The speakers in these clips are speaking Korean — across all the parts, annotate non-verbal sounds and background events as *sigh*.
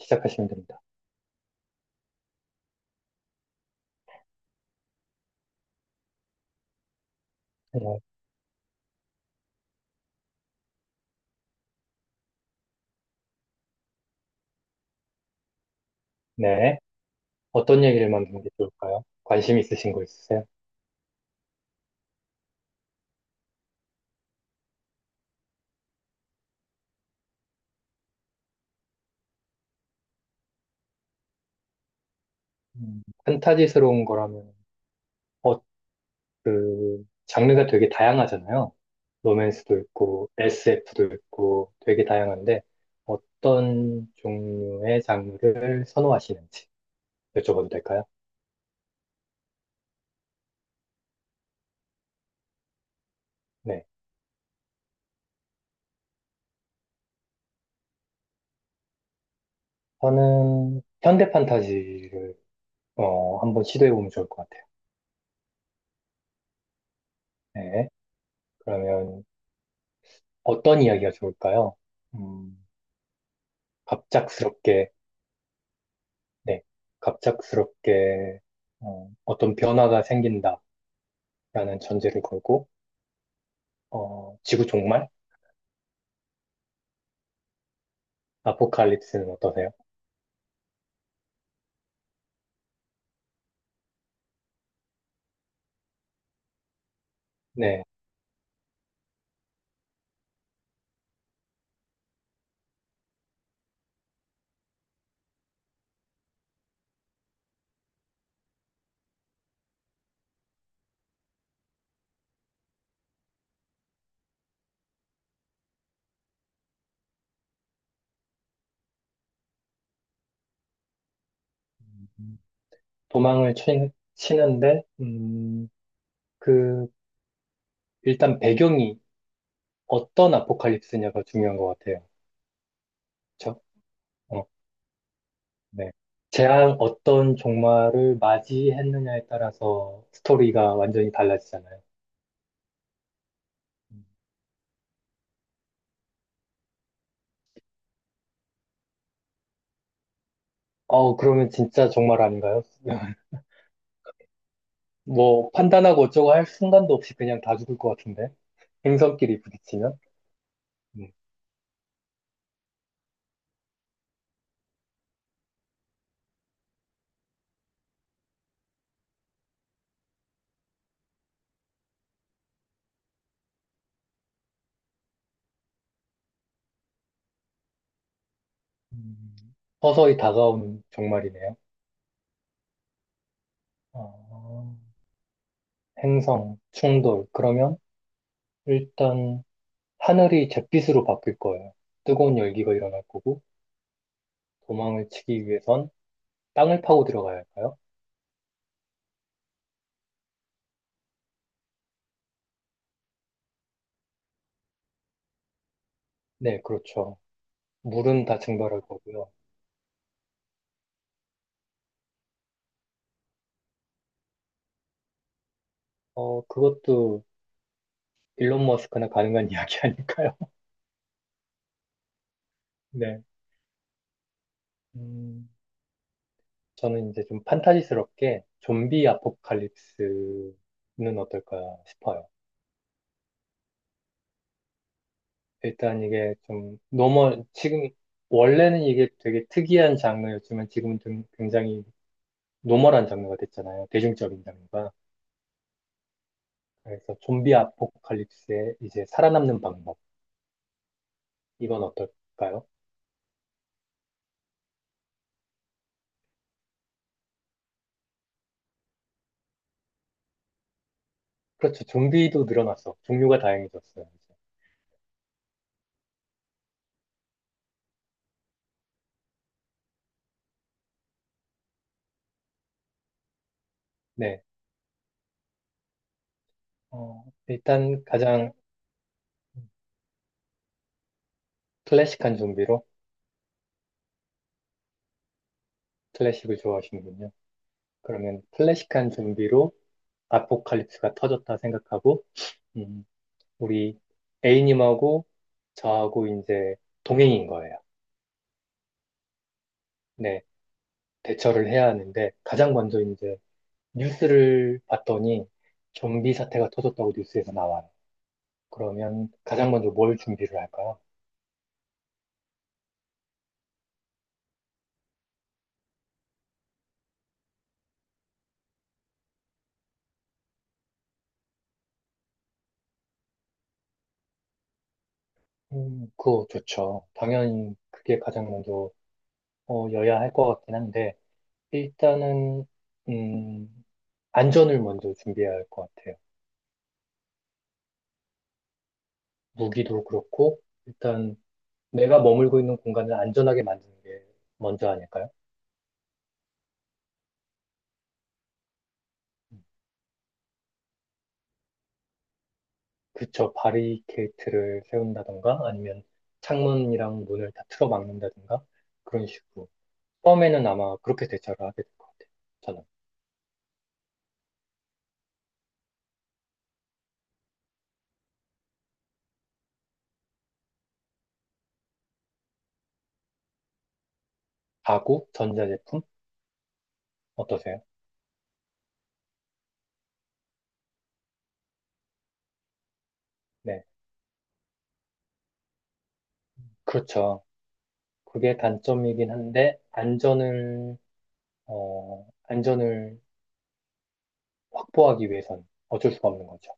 시작하시면 됩니다. 어, 네. 어떤 얘기를 만드는 게 좋을까요? 관심 있으신 거 있으세요? 판타지스러운 거라면, 어, 장르가 되게 다양하잖아요. 로맨스도 있고, SF도 있고, 되게 다양한데, 어떤 종류의 장르를 선호하시는지 여쭤봐도 될까요? 네. 저는 현대 판타지를, 한번 시도해보면 좋을 것 같아요. 네. 그러면 어떤 이야기가 좋을까요? 음, 갑작스럽게 네, 갑작스럽게 어, 떤 변화가 생긴다라는 전제를 걸고 지구 종말? 아포칼립스는 어떠세요? 네, 도망을 치는데 그 일단 배경이 어떤 아포칼립스냐가 중요한 것 같아요. 그렇죠? 어, 네. 재앙 어떤 종말을 맞이했느냐에 따라서 스토리가 완전히 달라지잖아요. 음. 어, 그러면 진짜 종말 아닌가요? 뭐 판단하고 어쩌고 할 순간도 없이 그냥 다 죽을 것 같은데. 행성끼리 부딪히면. 음. 음, 서서히 다가오는 정말이네요. 아, 행성, 충돌. 그러면 일단 하늘이 잿빛으로 바뀔 거예요. 뜨거운 열기가 일어날 거고, 도망을 치기 위해선 땅을 파고 들어가야 할까요? 네, 그렇죠. 물은 다 증발할 거고요. 어, 그것도 일론 머스크나 가능한 이야기 아닐까요? *laughs* 네. 음, 저는 이제 좀 판타지스럽게 좀비 아포칼립스는 어떨까 싶어요. 일단 이게 좀 노멀, 지금, 원래는 이게 되게 특이한 장르였지만 지금은 좀 굉장히 노멀한 장르가 됐잖아요. 대중적인 장르가. 그래서 좀비 아포칼립스의 이제 살아남는 방법. 이건 어떨까요? 그렇죠. 좀비도 늘어났어. 종류가 다양해졌어요. 이제. 네. 어, 일단 가장 클래식한 좀비로, 클래식을 좋아하시는군요. 그러면 클래식한 좀비로 아포칼립스가 터졌다 생각하고, 음, 우리 A님하고 저하고 이제 동행인 거예요. 네, 대처를 해야 하는데, 가장 먼저 이제 뉴스를 봤더니 좀비 사태가 터졌다고 뉴스에서 나와요. 그러면 가장 먼저 뭘 준비를 할까요? 그거 좋죠. 당연히 그게 가장 먼저 여야 할 것 같긴 한데, 일단은, 음, 안전을 먼저 준비해야 할 것 같아요. 무기도 그렇고, 일단 내가 머물고 있는 공간을 안전하게 만드는 게 먼저 아닐까요? 그쵸, 바리케이트를 세운다던가 아니면 창문이랑 문을 다 틀어 막는다든가 그런 식으로. 처음에는 아마 그렇게 대처를 하게 될 것 같아요. 저는. 가구, 전자제품, 어떠세요? 네. 그렇죠. 그게 단점이긴 한데, 안전을 확보하기 위해선 어쩔 수가 없는 거죠.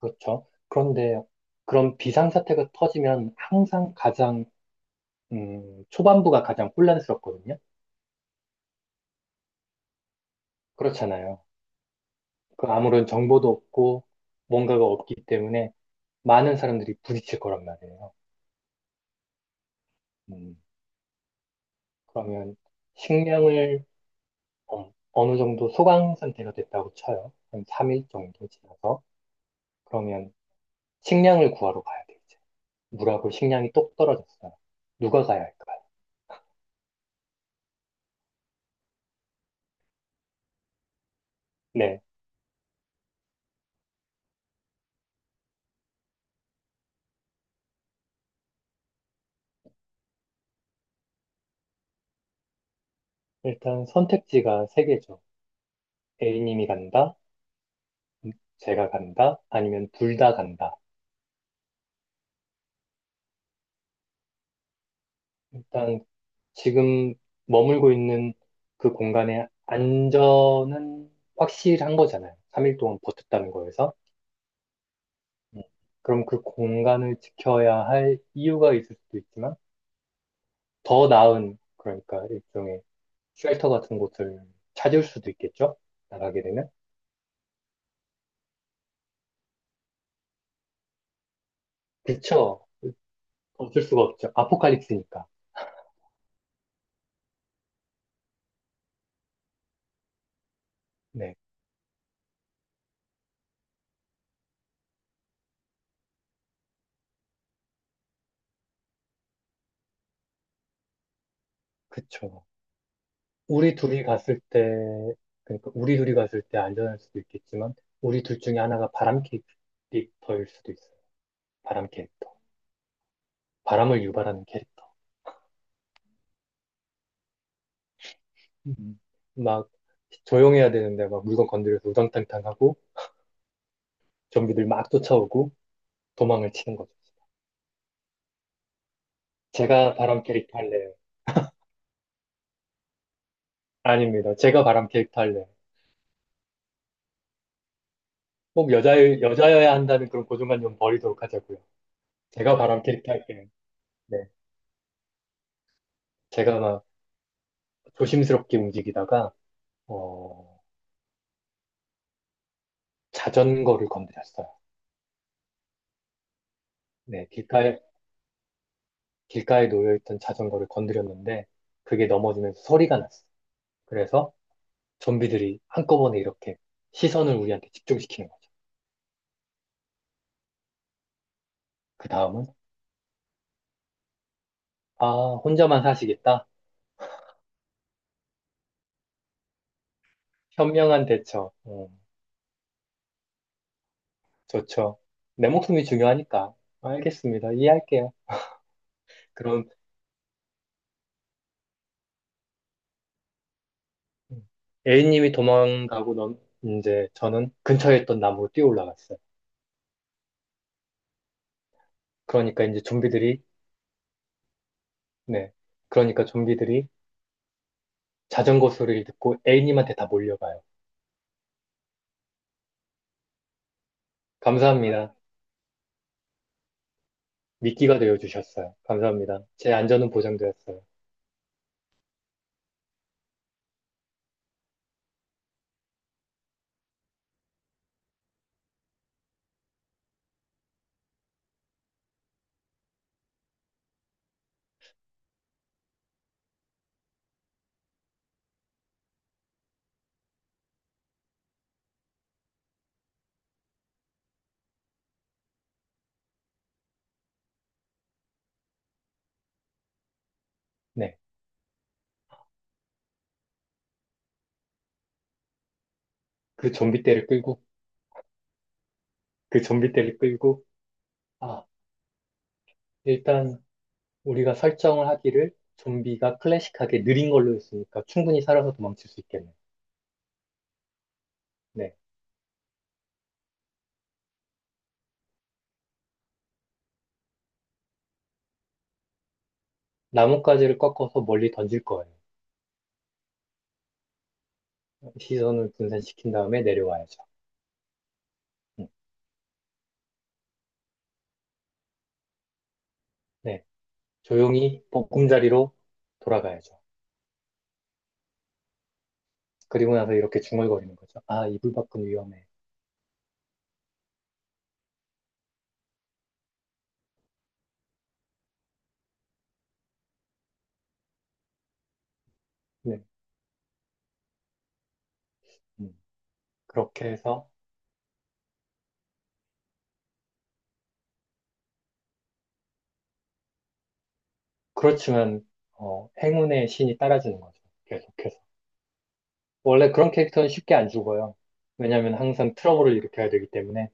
그렇죠. 그런데 그런 비상사태가 터지면 항상 가장 초반부가 가장 혼란스럽거든요. 그렇잖아요. 그 아무런 정보도 없고 뭔가가 없기 때문에 많은 사람들이 부딪힐 거란 말이에요. 음, 그러면 식량을 어, 어느 정도 소강 상태가 됐다고 쳐요. 한 3일 정도 지나서. 그러면 식량을 구하러 가야 돼, 이제. 물하고 식량이 똑 떨어졌어요. 누가 가야 할까요? 네. 일단 선택지가 세 개죠. A님이 간다, 제가 간다, 아니면 둘 다 간다. 일단 지금 머물고 있는 그 공간의 안전은 확실한 거잖아요. 3일 동안 버텼다는 거에서. 음, 그럼 그 공간을 지켜야 할 이유가 있을 수도 있지만, 더 나은, 그러니까 일종의 쉘터 같은 곳을 찾을 수도 있겠죠? 나가게 되면? 그쵸. 없을 수가 없죠. 아포칼립스니까. 네, 그쵸. 우리 둘이 갔을 때, 그러니까 우리 둘이 갔을 때 안전할 수도 있겠지만, 우리 둘 중에 하나가 바람캐릭터일 수도 있어요. 바람 캐릭터. 바람을 유발하는 캐릭터. 음. 막 조용해야 되는데 막 물건 건드려서 우당탕탕하고 좀비들 막 쫓아오고 도망을 치는 거죠. 제가 바람 캐릭터 할래요. 아닙니다. 제가 바람 캐릭터 할래요. 꼭 여자, 여자여야 한다는 그런 고정관념 버리도록 하자고요. 제가 바람 캐릭터 할게요. 네. 제가 막 조심스럽게 움직이다가, 어, 자전거를 건드렸어요. 네. 길가에 놓여있던 자전거를 건드렸는데, 그게 넘어지면서 소리가 났어요. 그래서 좀비들이 한꺼번에 이렇게 시선을 우리한테 집중시키는 거죠. 그 다음은, 아, 혼자만 사시겠다? 현명한 대처. 어, 좋죠. 내 목숨이 중요하니까. 알겠습니다. 이해할게요. 그럼 음, A님이 도망가고 넌, 이제 저는 근처에 있던 나무로 뛰어 올라갔어요. 그러니까 이제 네. 그러니까 좀비들이 자전거 소리를 듣고 A님한테 다 몰려가요. 감사합니다. 미끼가 되어주셨어요. 감사합니다. 제 안전은 보장되었어요. 네. 그 좀비 떼를 끌고 그 좀비 떼를 끌고, 아, 일단 우리가 설정을 하기를 좀비가 클래식하게 느린 걸로 했으니까 충분히 살아서 도망칠 수 있겠네. 네. 나뭇가지를 꺾어서 멀리 던질 거예요. 시선을 분산시킨 다음에 내려와야죠. 음, 네. 조용히 보금자리로 돌아가야죠. 그리고 나서 이렇게 중얼거리는 거죠. 아, 이불 밖은 위험해. 네. 음, 그렇게 해서, 그렇지만, 어, 행운의 신이 따라주는 거죠. 계속해서. 원래 그런 캐릭터는 쉽게 안 죽어요. 왜냐면 항상 트러블을 일으켜야 되기 때문에.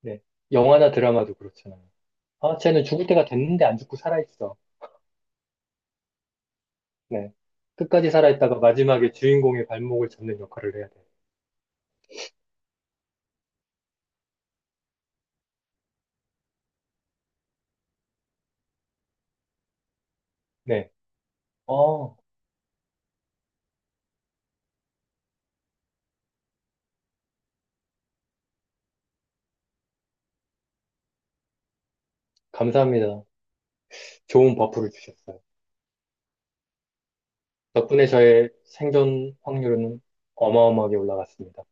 네. 영화나 드라마도 그렇잖아요. 아, 쟤는 죽을 때가 됐는데 안 죽고 살아있어. 네. 끝까지 살아있다가 마지막에 주인공의 발목을 잡는 역할을 해야 돼요. 네. 어, 감사합니다. 좋은 버프를 주셨어요. 덕분에 저의 생존 확률은 어마어마하게 올라갔습니다.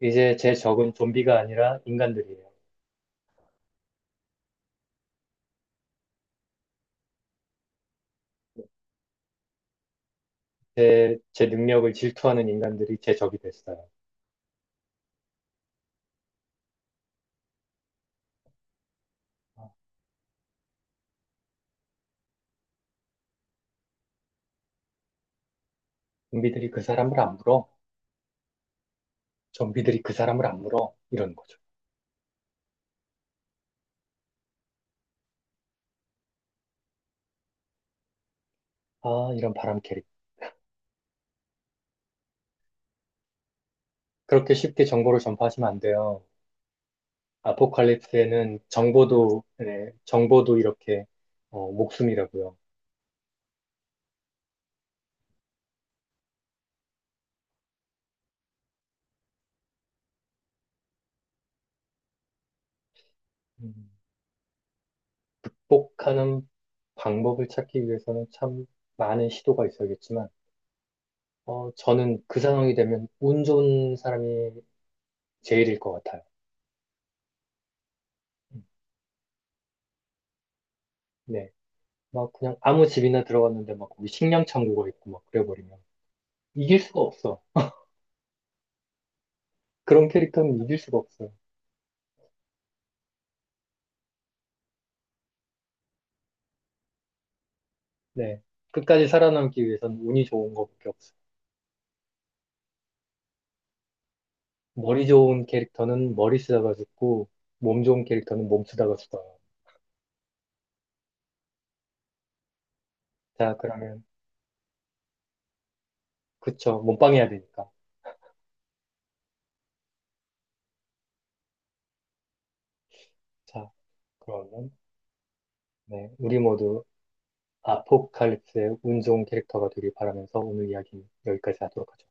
이제 제 적은 좀비가 아니라 인간들이에요. 제 능력을 질투하는 인간들이 제 적이 됐어요. 아, 좀비들이 그 사람을 안 물어. 좀비들이 그 사람을 안 물어. 이런 거죠. 아, 이런 바람캐리. 그렇게 쉽게 정보를 전파하시면 안 돼요. 아포칼립스에는 정보도, 네, 정보도 이렇게, 어, 목숨이라고요. 음, 극복하는 방법을 찾기 위해서는 참 많은 시도가 있어야겠지만, 어, 저는 그 상황이 되면 운 좋은 사람이 제일일 것 같아요. 음, 네. 막 그냥 아무 집이나 들어갔는데 막 거기 식량 창고가 있고 막 그래버리면 이길 수가 없어. 그런 캐릭터는 이길 수가 없어. 네. 끝까지 살아남기 위해선 운이 좋은 것밖에 없어요. 머리 좋은 캐릭터는 머리 쓰다가 죽고, 몸 좋은 캐릭터는 몸 쓰다가 죽어요. 자, 그러면, 그쵸. 몸빵해야 되니까. 자, 그러면, 네. 우리 모두 아포칼립스의 운 좋은 캐릭터가 되길 바라면서 오늘 이야기 여기까지 하도록 하죠.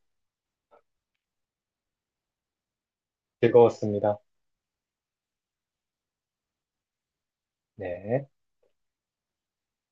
즐거웠습니다. 네.